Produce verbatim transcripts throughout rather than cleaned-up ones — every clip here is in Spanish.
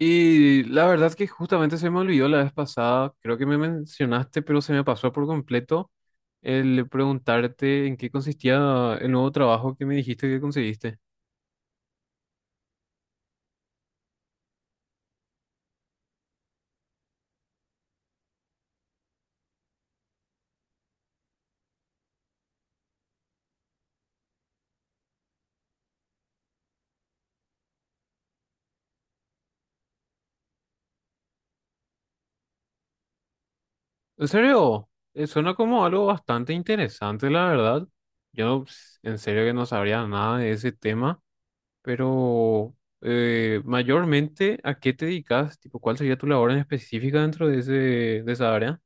Y la verdad que justamente se me olvidó la vez pasada, creo que me mencionaste, pero se me pasó por completo el preguntarte en qué consistía el nuevo trabajo que me dijiste que conseguiste. En serio, Eh, suena como algo bastante interesante, la verdad. Yo ps, en serio que no sabría nada de ese tema, pero eh, mayormente, ¿a qué te dedicas? Tipo, ¿cuál sería tu labor en específica dentro de ese, de esa área?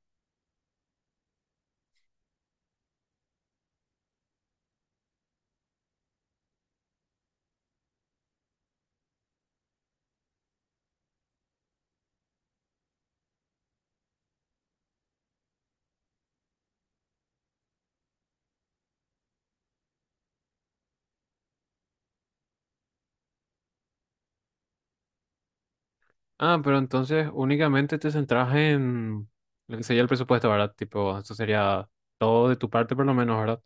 Ah, pero entonces únicamente te centras en lo que sería el presupuesto, ¿verdad? Tipo, eso sería todo de tu parte por lo menos, ¿verdad?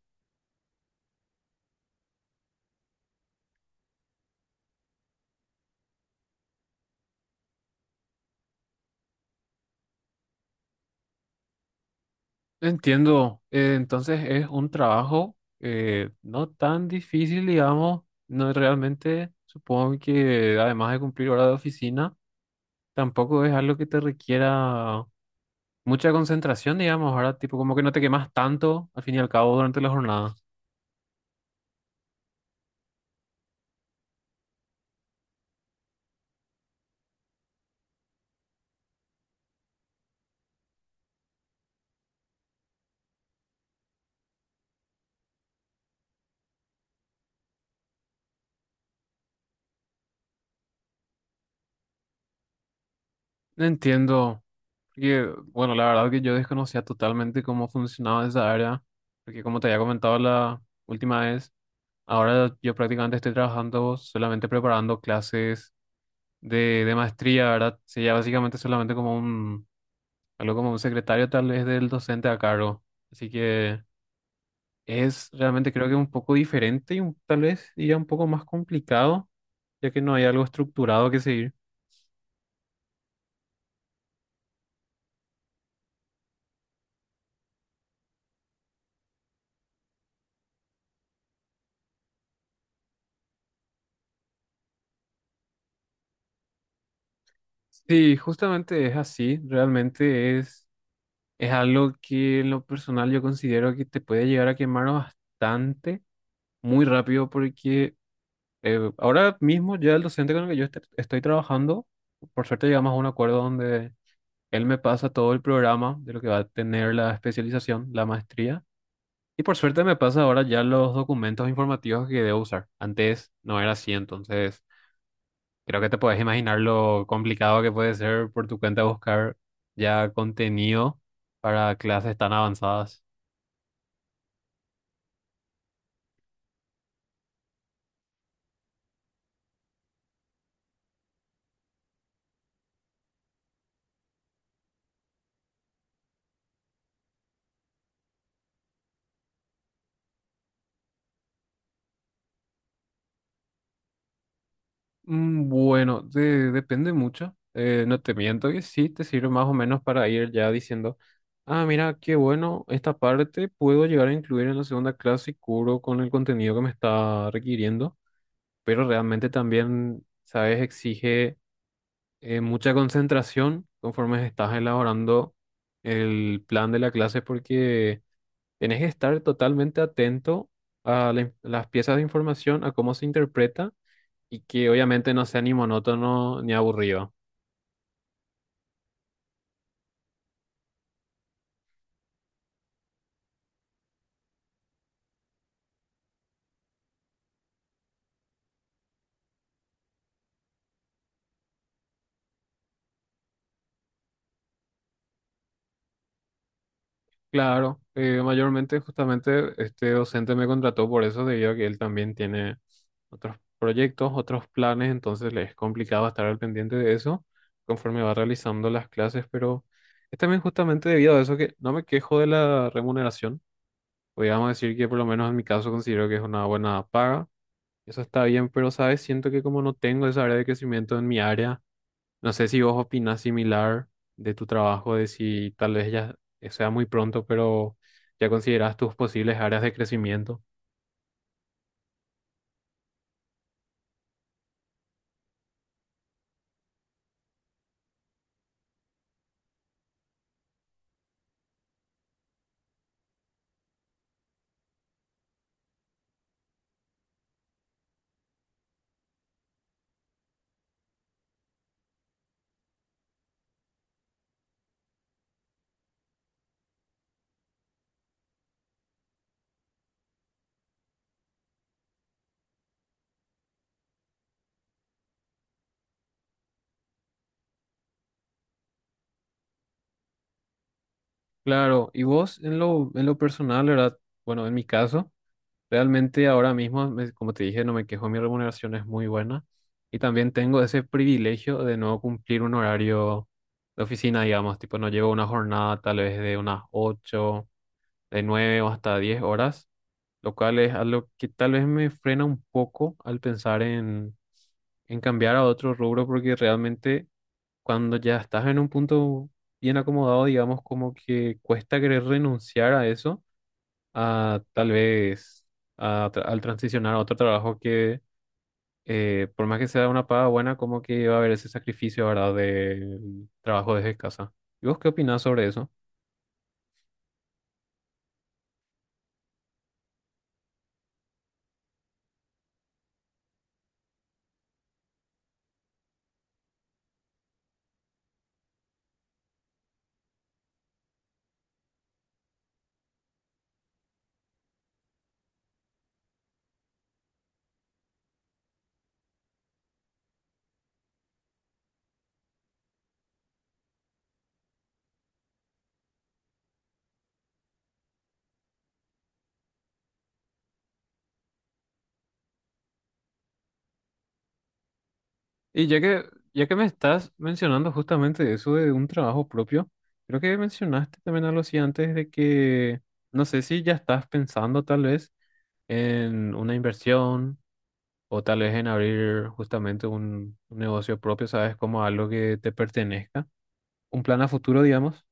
Entiendo. Eh, entonces es un trabajo eh, no tan difícil, digamos. No es realmente, supongo que además de cumplir hora de oficina, tampoco es algo que te requiera mucha concentración, digamos, ¿verdad? Tipo, como que no te quemas tanto al fin y al cabo durante la jornada. Entiendo. Porque, bueno, la verdad que yo desconocía totalmente cómo funcionaba esa área, porque como te había comentado la última vez, ahora yo prácticamente estoy trabajando solamente preparando clases de, de maestría, ¿verdad? Sería básicamente solamente como un, algo como un secretario tal vez del docente a cargo. Así que es realmente creo que un poco diferente y un- tal vez ya un poco más complicado, ya que no hay algo estructurado que seguir. Sí, justamente es así, realmente es... Es algo que en lo personal yo considero que te puede llegar a quemar bastante, muy rápido, porque eh, ahora mismo ya el docente con el que yo est- estoy trabajando, por suerte llegamos a un acuerdo donde él me pasa todo el programa de lo que va a tener la especialización, la maestría, y por suerte me pasa ahora ya los documentos informativos que debo usar. Antes no era así, entonces creo que te puedes imaginar lo complicado que puede ser por tu cuenta buscar ya contenido para clases tan avanzadas. Mm, Bueno, de- depende mucho. Eh, no te miento que sí, te sirve más o menos para ir ya diciendo, ah, mira, qué bueno, esta parte puedo llegar a incluir en la segunda clase y cubro con el contenido que me está requiriendo, pero realmente también, sabes, exige eh, mucha concentración conforme estás elaborando el plan de la clase porque tenés que estar totalmente atento a la in- las piezas de información, a cómo se interpreta y que obviamente no sea ni monótono ni aburrido. Claro, eh, mayormente justamente este docente me contrató por eso, debido a que él también tiene otros proyectos, otros planes, entonces le es complicado estar al pendiente de eso conforme va realizando las clases, pero es también justamente debido a eso que no me quejo de la remuneración. Podríamos decir que por lo menos en mi caso considero que es una buena paga. Eso está bien, pero sabes, siento que como no tengo esa área de crecimiento en mi área, no sé si vos opinás similar de tu trabajo, de si tal vez ya sea muy pronto, pero ya considerás tus posibles áreas de crecimiento. Claro, y vos en lo, en lo personal, ¿verdad? Bueno, en mi caso, realmente ahora mismo, me- como te dije, no me quejo, mi remuneración es muy buena y también tengo ese privilegio de no cumplir un horario de oficina, digamos, tipo no llevo una jornada tal vez de unas ocho de nueve o hasta diez horas, lo cual es algo que tal vez me frena un poco al pensar en, en cambiar a otro rubro, porque realmente cuando ya estás en un punto bien acomodado, digamos, como que cuesta querer renunciar a eso, a tal vez a tra- al transicionar a otro trabajo que, eh, por más que sea una paga buena, como que va a haber ese sacrificio, ¿verdad?, del trabajo desde casa. ¿Y vos qué opinás sobre eso? Y ya que, ya que me estás mencionando justamente eso de un trabajo propio, creo que mencionaste también algo así antes de que, no sé si ya estás pensando tal vez en una inversión o tal vez en abrir justamente un, un negocio propio, ¿sabes? Como algo que te pertenezca, un plan a futuro, digamos.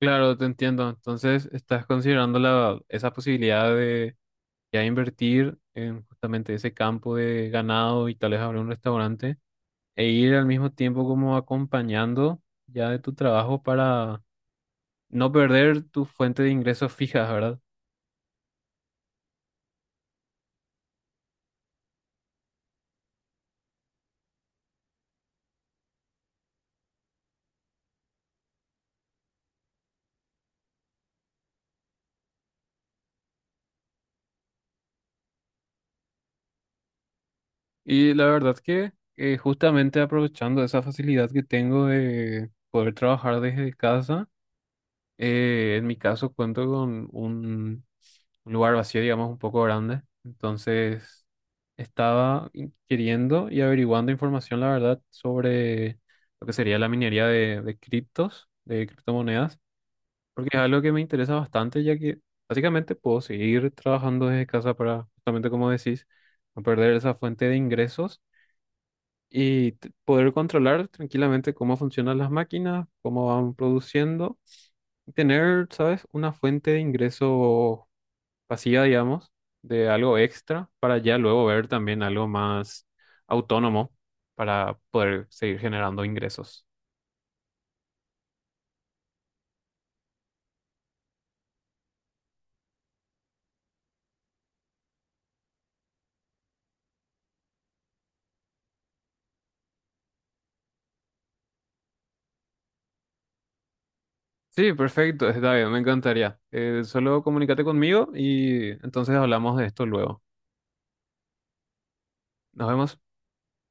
Claro, te entiendo. Entonces, estás considerando la, esa posibilidad de ya invertir en justamente ese campo de ganado y tal vez abrir un restaurante, e ir al mismo tiempo como acompañando ya de tu trabajo para no perder tu fuente de ingresos fijas, ¿verdad? Y la verdad que eh, justamente aprovechando esa facilidad que tengo de poder trabajar desde casa, eh, en mi caso cuento con un, un lugar vacío, digamos, un poco grande, entonces estaba in- queriendo y averiguando información, la verdad, sobre lo que sería la minería de, de criptos, de criptomonedas. Porque es algo que me interesa bastante, ya que básicamente puedo seguir trabajando desde casa para, justamente como decís, no perder esa fuente de ingresos y t- poder controlar tranquilamente cómo funcionan las máquinas, cómo van produciendo, y tener, ¿sabes?, una fuente de ingreso pasiva, digamos, de algo extra para ya luego ver también algo más autónomo para poder seguir generando ingresos. Sí, perfecto, está bien, me encantaría. Eh, solo comunícate conmigo y entonces hablamos de esto luego. Nos vemos.